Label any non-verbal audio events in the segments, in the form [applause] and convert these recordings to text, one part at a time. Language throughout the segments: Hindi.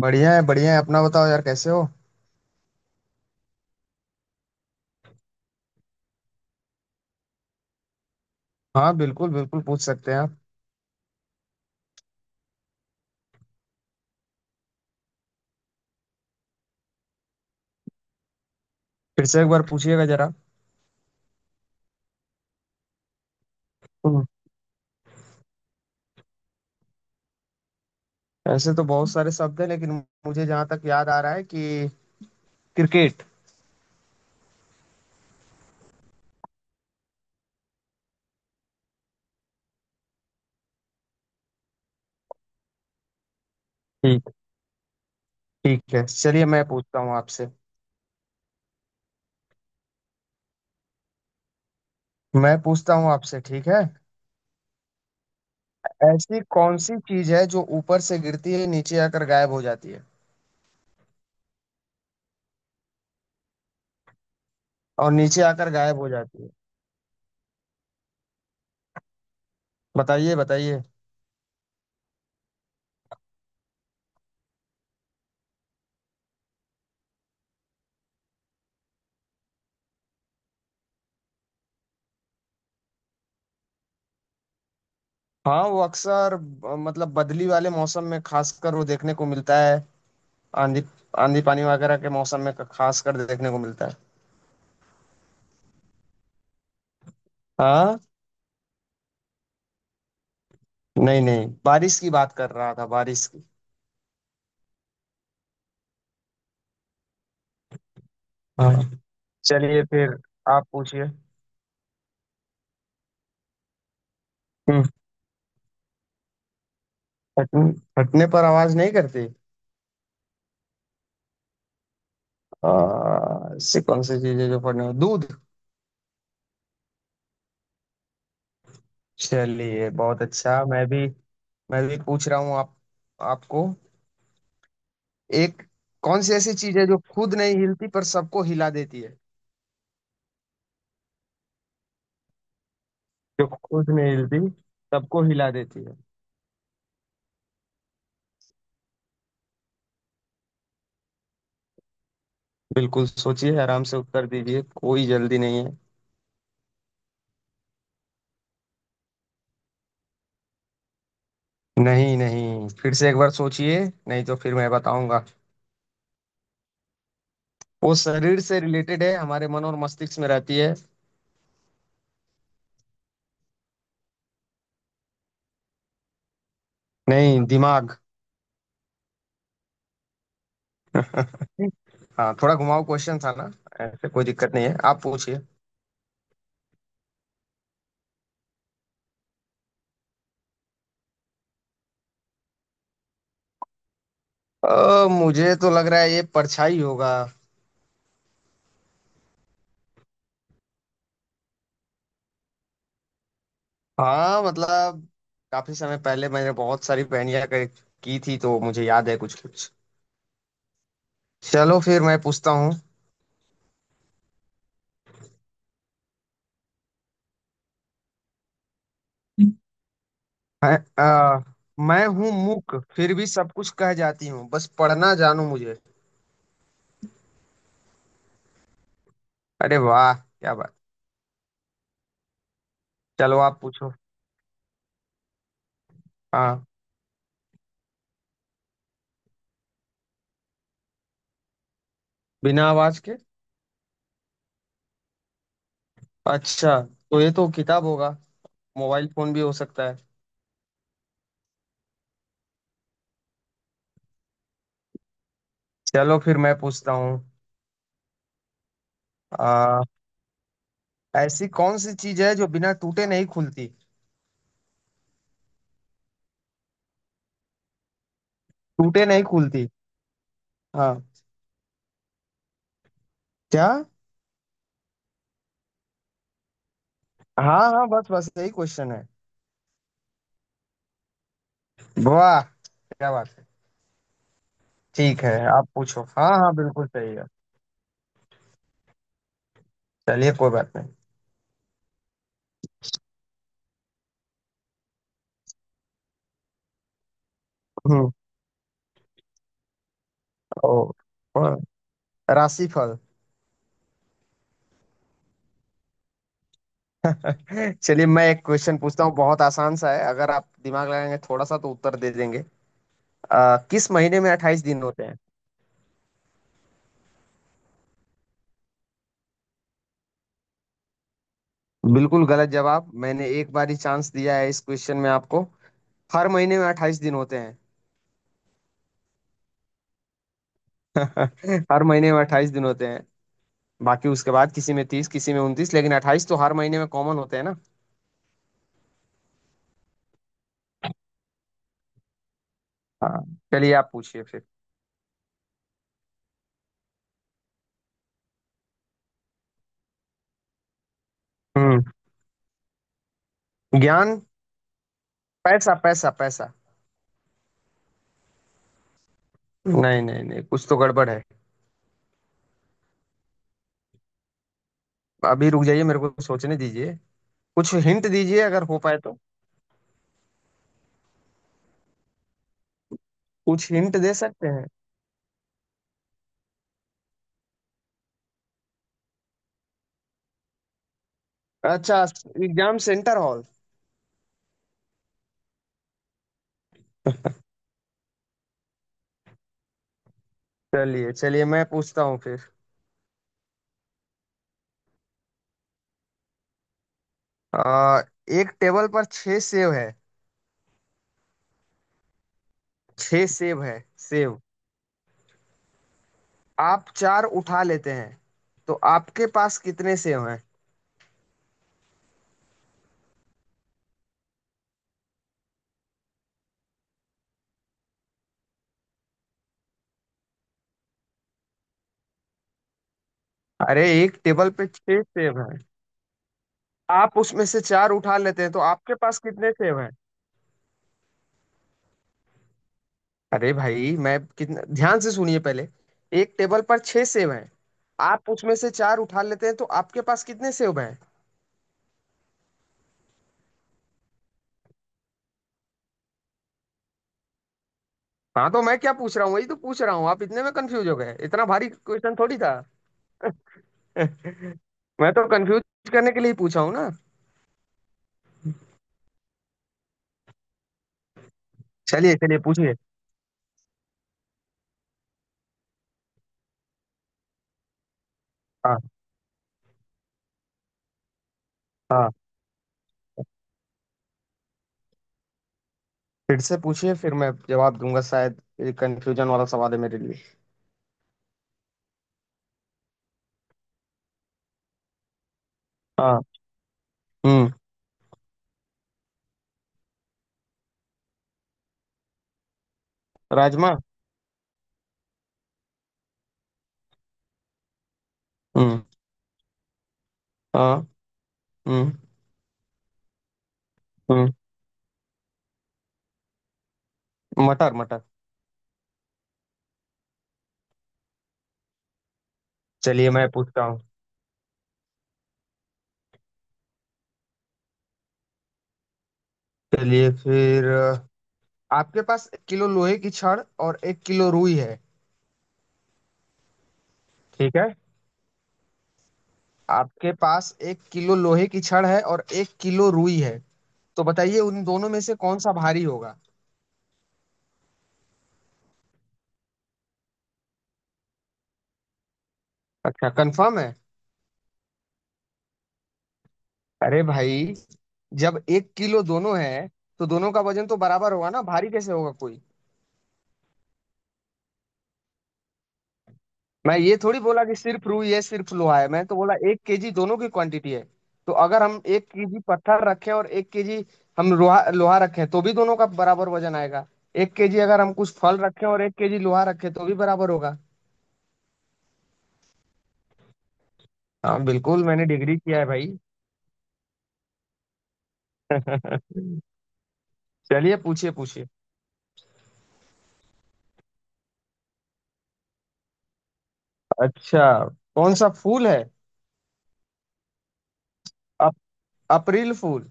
बढ़िया है बढ़िया है। अपना बताओ यार, कैसे हो। हाँ, बिल्कुल बिल्कुल पूछ सकते हैं आप। फिर से एक बार पूछिएगा जरा। हम्म। ऐसे तो बहुत सारे शब्द हैं, लेकिन मुझे जहाँ तक याद आ रहा है कि क्रिकेट। ठीक। ठीक है, चलिए मैं पूछता हूँ आपसे। मैं पूछता हूँ आपसे, ठीक है। ऐसी कौन सी चीज है जो ऊपर से गिरती है, नीचे आकर गायब हो जाती है। और नीचे आकर गायब हो जाती है। बताइए बताइए। हाँ, वो अक्सर मतलब बदली वाले मौसम में खासकर वो देखने को मिलता है। आंधी। आंधी पानी वगैरह के मौसम में खास कर देखने को मिलता है। हाँ। नहीं नहीं, बारिश की बात कर रहा था, बारिश की। हाँ। चलिए फिर। आप पूछिए। हम्म। फटने। फटने पर आवाज नहीं करती। ऐसी कौन सी चीज है जो फटने दूध। चलिए बहुत अच्छा, मैं भी। मैं भी पूछ रहा हूँ आप। आपको। एक। कौन सी ऐसी चीज है जो खुद नहीं हिलती पर सबको हिला देती है। जो खुद नहीं हिलती, सबको हिला देती है। बिल्कुल सोचिए आराम से, उत्तर दीजिए, कोई जल्दी नहीं है। नहीं नहीं, फिर से एक बार सोचिए। नहीं तो फिर मैं बताऊंगा। वो शरीर से रिलेटेड है, हमारे मन और मस्तिष्क में रहती है। नहीं, दिमाग। [laughs] हाँ, थोड़ा घुमाऊ क्वेश्चन था ना। ऐसे कोई दिक्कत नहीं है, आप पूछिए। मुझे तो लग रहा है ये परछाई होगा। हाँ मतलब। काफी समय पहले मैंने बहुत सारी पहेलियां की थी, तो मुझे याद है कुछ कुछ। चलो फिर मैं पूछता हूँ। मैं अ, मैं हूँ मूक, फिर भी सब कुछ कह जाती हूँ, बस पढ़ना जानू मुझे। अरे वाह, क्या बात। चलो आप पूछो। हाँ। बिना आवाज के। अच्छा। तो ये तो किताब होगा। मोबाइल फोन भी हो सकता है। चलो फिर मैं पूछता हूँ। आ, ऐसी कौन सी चीज है जो बिना टूटे नहीं खुलती। टूटे नहीं खुलती। हाँ। क्या। हाँ हाँ, बस बस, यही क्वेश्चन है। वाह, क्या बात है। ठीक है, आप पूछो। हाँ हाँ, बिल्कुल सही है। चलिए, कोई बात नहीं। हम्म। ओ। ओ। राशिफल। [laughs] चलिए, मैं एक क्वेश्चन पूछता हूँ, बहुत आसान सा है, अगर आप दिमाग लगाएंगे थोड़ा सा तो उत्तर दे देंगे। किस महीने में अट्ठाईस दिन होते हैं। बिल्कुल गलत जवाब, मैंने एक बार ही चांस दिया है इस क्वेश्चन में आपको। हर महीने में अट्ठाईस दिन होते हैं। [laughs] हर महीने में अट्ठाईस दिन होते हैं। बाकी उसके बाद किसी में तीस, किसी में उनतीस, लेकिन अट्ठाईस तो हर महीने में कॉमन होते हैं ना। हाँ। चलिए, आप पूछिए फिर। हम्म। ज्ञान। पैसा पैसा पैसा। नहीं नहीं नहीं, कुछ तो गड़बड़ है। अभी रुक जाइए, मेरे को सोचने दीजिए। कुछ हिंट दीजिए अगर हो पाए तो। कुछ हिंट दे सकते हैं। अच्छा। Exam centre hall. चलिए चलिए, मैं पूछता हूँ फिर। आ, एक टेबल पर छह सेब है। छह सेब है, सेब। आप चार उठा लेते हैं, तो आपके पास कितने सेब हैं। अरे, एक टेबल पे छह सेब हैं। आप उसमें से चार उठा लेते हैं, तो आपके पास कितने सेब हैं। अरे भाई, मैं कितना, ध्यान से सुनिए पहले। एक टेबल पर छह सेब हैं। आप उसमें से चार उठा लेते हैं, तो आपके पास कितने सेब हैं। हाँ, तो मैं क्या पूछ रहा हूँ, वही तो पूछ रहा हूँ। आप इतने में कंफ्यूज हो गए, इतना भारी क्वेश्चन थोड़ी था। [laughs] मैं तो कंफ्यूज करने के लिए ही पूछा हूँ। चलिए चलिए, पूछिए। हाँ हाँ। फिर से पूछिए, फिर मैं जवाब दूंगा, शायद ये कंफ्यूजन वाला सवाल है मेरे लिए। हाँ। हम्म। राजमा। हम्म। हाँ। हम्म। हम्म। मटर मटर। चलिए मैं पूछता हूँ। चलिए फिर, आपके पास एक किलो लोहे की छड़ और एक किलो रुई है। ठीक है। आपके पास एक किलो लोहे की छड़ है और एक किलो रुई है। तो बताइए, उन दोनों में से कौन सा भारी होगा। अच्छा, कंफर्म है। अरे भाई, जब एक किलो दोनों है, तो दोनों का वजन तो बराबर होगा ना, भारी कैसे होगा कोई। मैं ये थोड़ी बोला कि सिर्फ रुई है, सिर्फ लोहा है। मैं तो बोला एक केजी दोनों की क्वांटिटी है। तो अगर हम एक केजी पत्थर रखें और एक केजी हम लोहा लोहा रखें तो भी दोनों का बराबर वजन आएगा। एक केजी अगर हम कुछ फल रखें और एक केजी लोहा रखें तो भी बराबर होगा। हाँ बिल्कुल, मैंने डिग्री किया है भाई। [laughs] चलिए, पूछिए पूछिए। अच्छा, कौन सा फूल है। अप, अप्रैल फूल।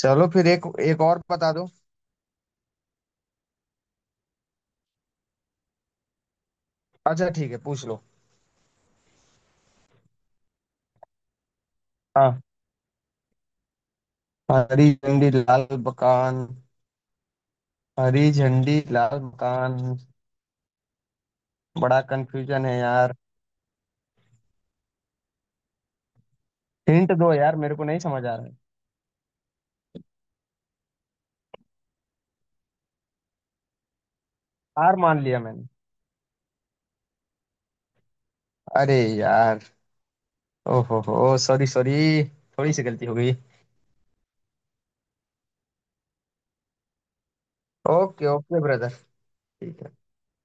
चलो फिर, एक एक और बता दो। अच्छा ठीक है, पूछ लो। हाँ। हरी झंडी, लाल मकान। हरी झंडी, लाल मकान। बड़ा कंफ्यूजन है यार। हिंट दो यार, मेरे को नहीं समझ आ रहा है। हार मान लिया मैंने। अरे यार। ओहो हो, सॉरी सॉरी। थोड़ी सी गलती हो गई। Okay okay, brother. ठीक है।